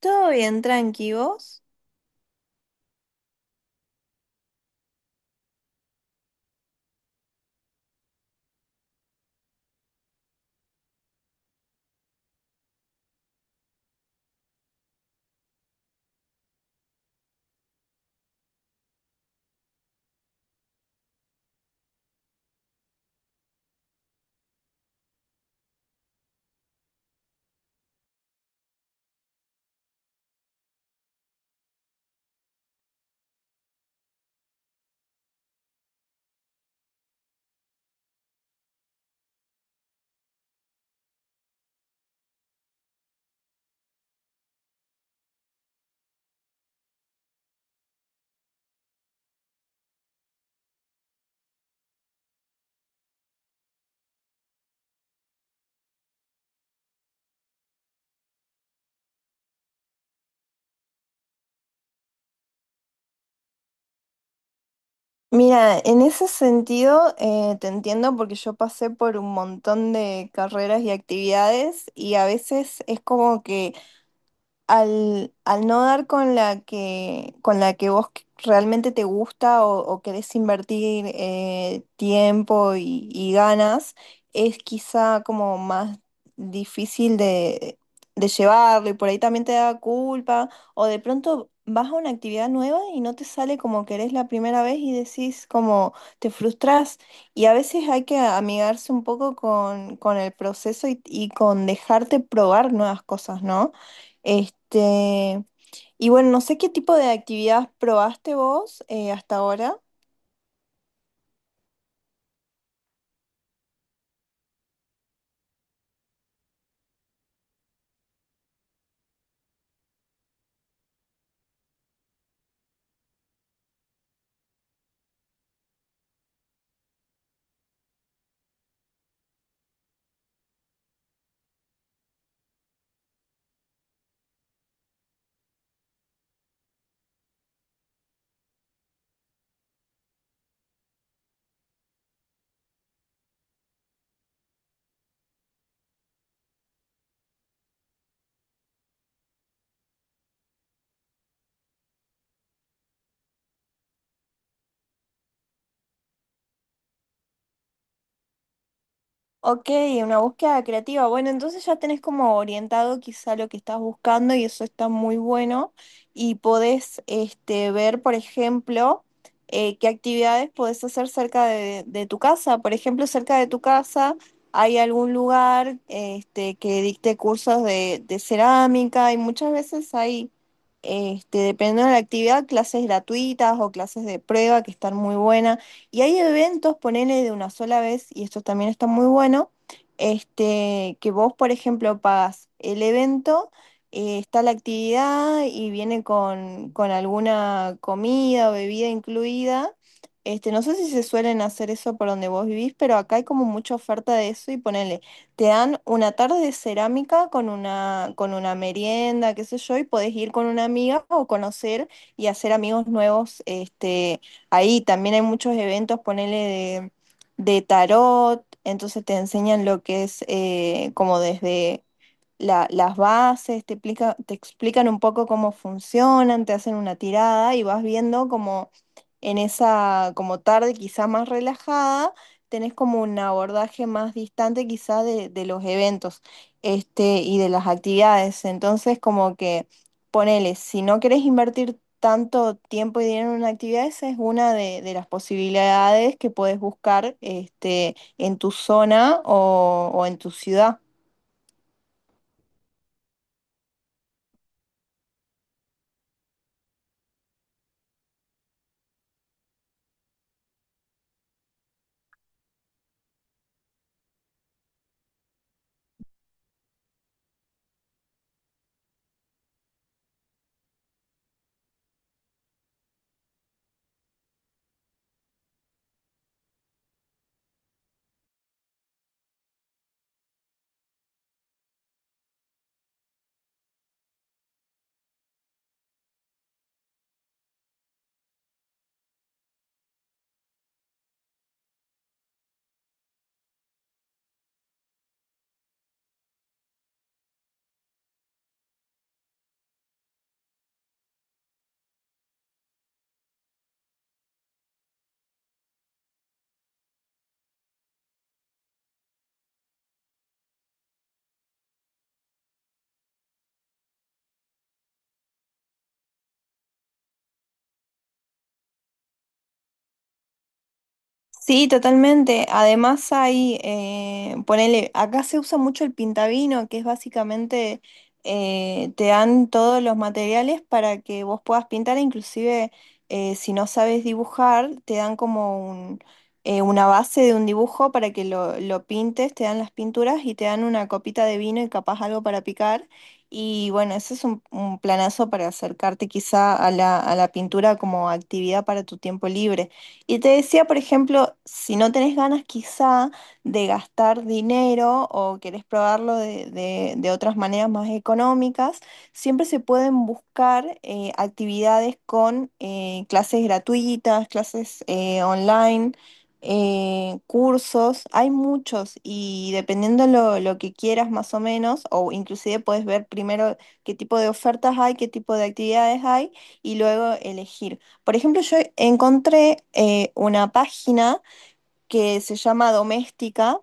Todo bien, tranqui, ¿vos? Mira, en ese sentido te entiendo porque yo pasé por un montón de carreras y actividades y a veces es como que al no dar con con la que realmente te gusta o querés invertir tiempo y ganas, es quizá como más difícil de llevarlo y por ahí también te da culpa o de pronto vas a una actividad nueva y no te sale como querés la primera vez y decís como te frustrás y a veces hay que amigarse un poco con el proceso y con dejarte probar nuevas cosas, ¿no? Este, y bueno, no sé qué tipo de actividad probaste vos hasta ahora. Ok, una búsqueda creativa. Bueno, entonces ya tenés como orientado quizá lo que estás buscando y eso está muy bueno. Y podés este, ver, por ejemplo, qué actividades podés hacer cerca de tu casa. Por ejemplo, cerca de tu casa hay algún lugar este, que dicte cursos de cerámica y muchas veces hay, este, dependiendo de la actividad, clases gratuitas o clases de prueba que están muy buenas. Y hay eventos, ponele de una sola vez, y esto también está muy bueno, este, que vos, por ejemplo, pagas el evento, está la actividad y viene con alguna comida o bebida incluida. Este, no sé si se suelen hacer eso por donde vos vivís, pero acá hay como mucha oferta de eso y ponele, te dan una tarde de cerámica con una merienda, qué sé yo, y podés ir con una amiga o conocer y hacer amigos nuevos, este, ahí también hay muchos eventos, ponele de tarot, entonces te enseñan lo que es como desde las bases, te explican un poco cómo funcionan, te hacen una tirada y vas viendo como en esa como tarde quizá más relajada, tenés como un abordaje más distante quizá de los eventos este, y de las actividades. Entonces como que ponele, si no querés invertir tanto tiempo y dinero en una actividad, esa es una de las posibilidades que podés buscar este, en tu zona o en tu ciudad. Sí, totalmente. Además hay, ponele, acá se usa mucho el pintavino, que es básicamente, te dan todos los materiales para que vos puedas pintar, e inclusive si no sabes dibujar, te dan como un, una base de un dibujo para que lo pintes, te dan las pinturas y te dan una copita de vino y capaz algo para picar. Y bueno, ese es un planazo para acercarte quizá a a la pintura como actividad para tu tiempo libre. Y te decía, por ejemplo, si no tenés ganas quizá de gastar dinero o querés probarlo de otras maneras más económicas, siempre se pueden buscar actividades con clases gratuitas, clases online, cursos. Hay muchos y dependiendo lo que quieras más o menos, o inclusive puedes ver primero qué tipo de ofertas hay, qué tipo de actividades hay y luego elegir. Por ejemplo, yo encontré una página que se llama Doméstica,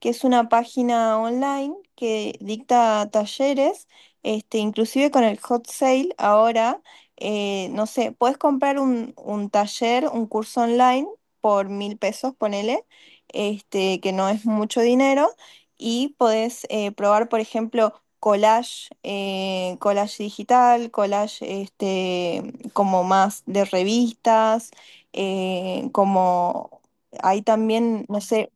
que es una página online que dicta talleres, este, inclusive con el hot sale ahora, no sé, puedes comprar un taller, un curso online por mil pesos, ponele, este, que no es mucho dinero, y podés probar, por ejemplo, collage, collage digital, collage este, como más de revistas como hay también, no sé,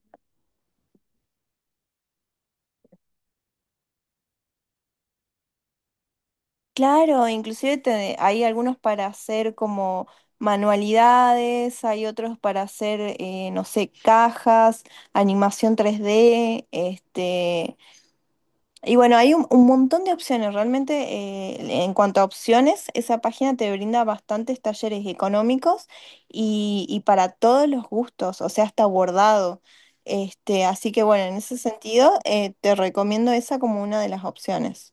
claro, inclusive hay algunos para hacer como manualidades, hay otros para hacer, no sé, cajas, animación 3D, este, y bueno, hay un montón de opciones. Realmente, en cuanto a opciones, esa página te brinda bastantes talleres económicos y para todos los gustos, o sea, hasta bordado. Este, así que bueno, en ese sentido, te recomiendo esa como una de las opciones.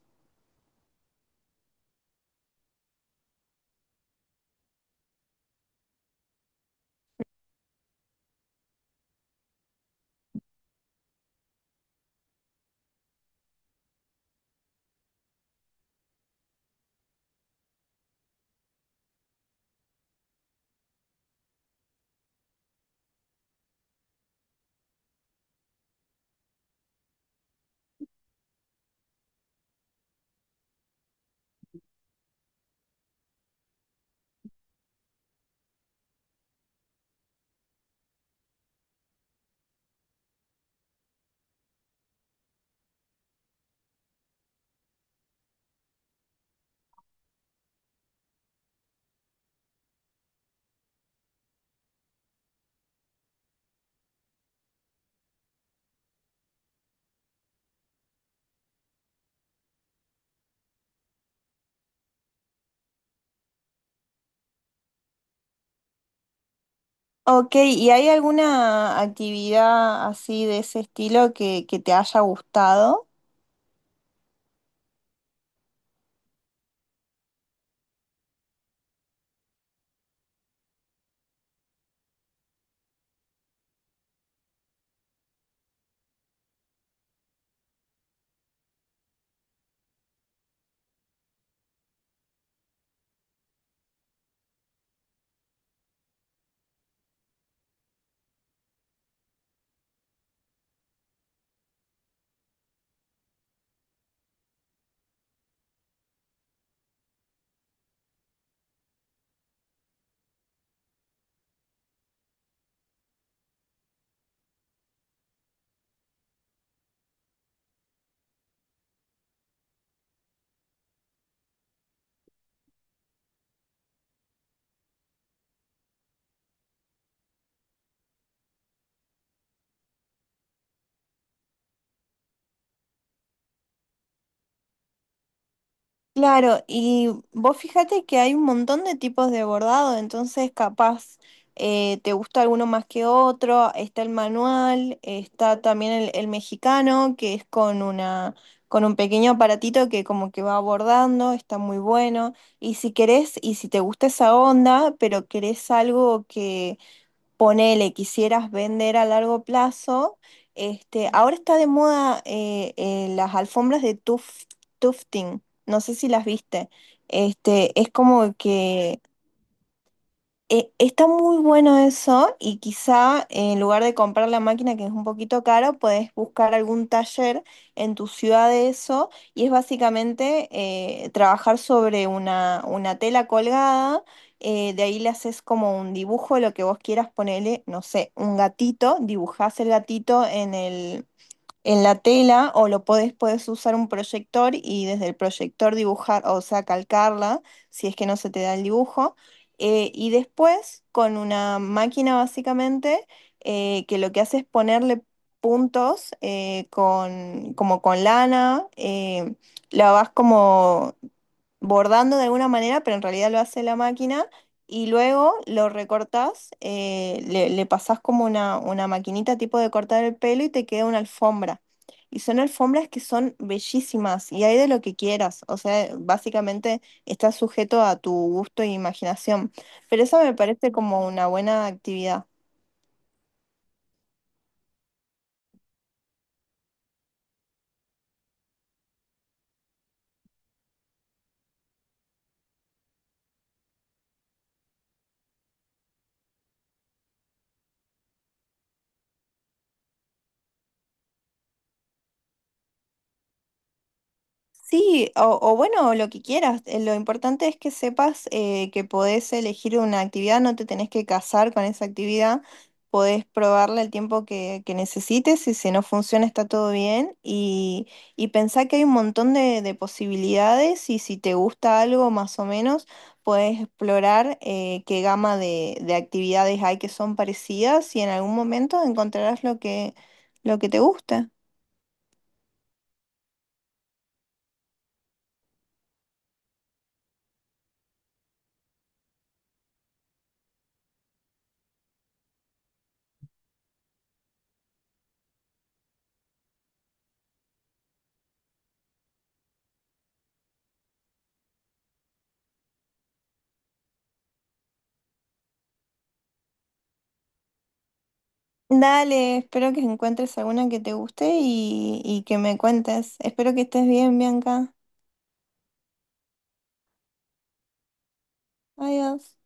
Ok, ¿y hay alguna actividad así de ese estilo que te haya gustado? Claro, y vos fíjate que hay un montón de tipos de bordado, entonces capaz te gusta alguno más que otro, está el manual, está también el mexicano, que es con una, con un pequeño aparatito que como que va bordando, está muy bueno. Y si querés, y si te gusta esa onda, pero querés algo que ponele, quisieras vender a largo plazo, este, ahora está de moda las alfombras de tufting, no sé si las viste, este, es como que está muy bueno eso y quizá en lugar de comprar la máquina que es un poquito caro puedes buscar algún taller en tu ciudad de eso y es básicamente trabajar sobre una tela colgada, de ahí le haces como un dibujo, lo que vos quieras ponerle, no sé, un gatito, dibujás el gatito en el, en la tela o lo podés, puedes usar un proyector y desde el proyector dibujar, o sea, calcarla, si es que no se te da el dibujo. Y después con una máquina básicamente que lo que hace es ponerle puntos con, como con lana, la vas como bordando de alguna manera, pero en realidad lo hace la máquina. Y luego lo recortás, le pasás como una maquinita tipo de cortar el pelo y te queda una alfombra. Y son alfombras que son bellísimas y hay de lo que quieras. O sea, básicamente está sujeto a tu gusto e imaginación. Pero eso me parece como una buena actividad. Sí, o bueno, lo que quieras. Lo importante es que sepas que podés elegir una actividad, no te tenés que casar con esa actividad, podés probarla el tiempo que necesites y si no funciona está todo bien y pensá que hay un montón de posibilidades y si te gusta algo más o menos, podés explorar qué gama de actividades hay que son parecidas y en algún momento encontrarás lo que te gusta. Dale, espero que encuentres alguna que te guste y que me cuentes. Espero que estés bien, Bianca. Adiós.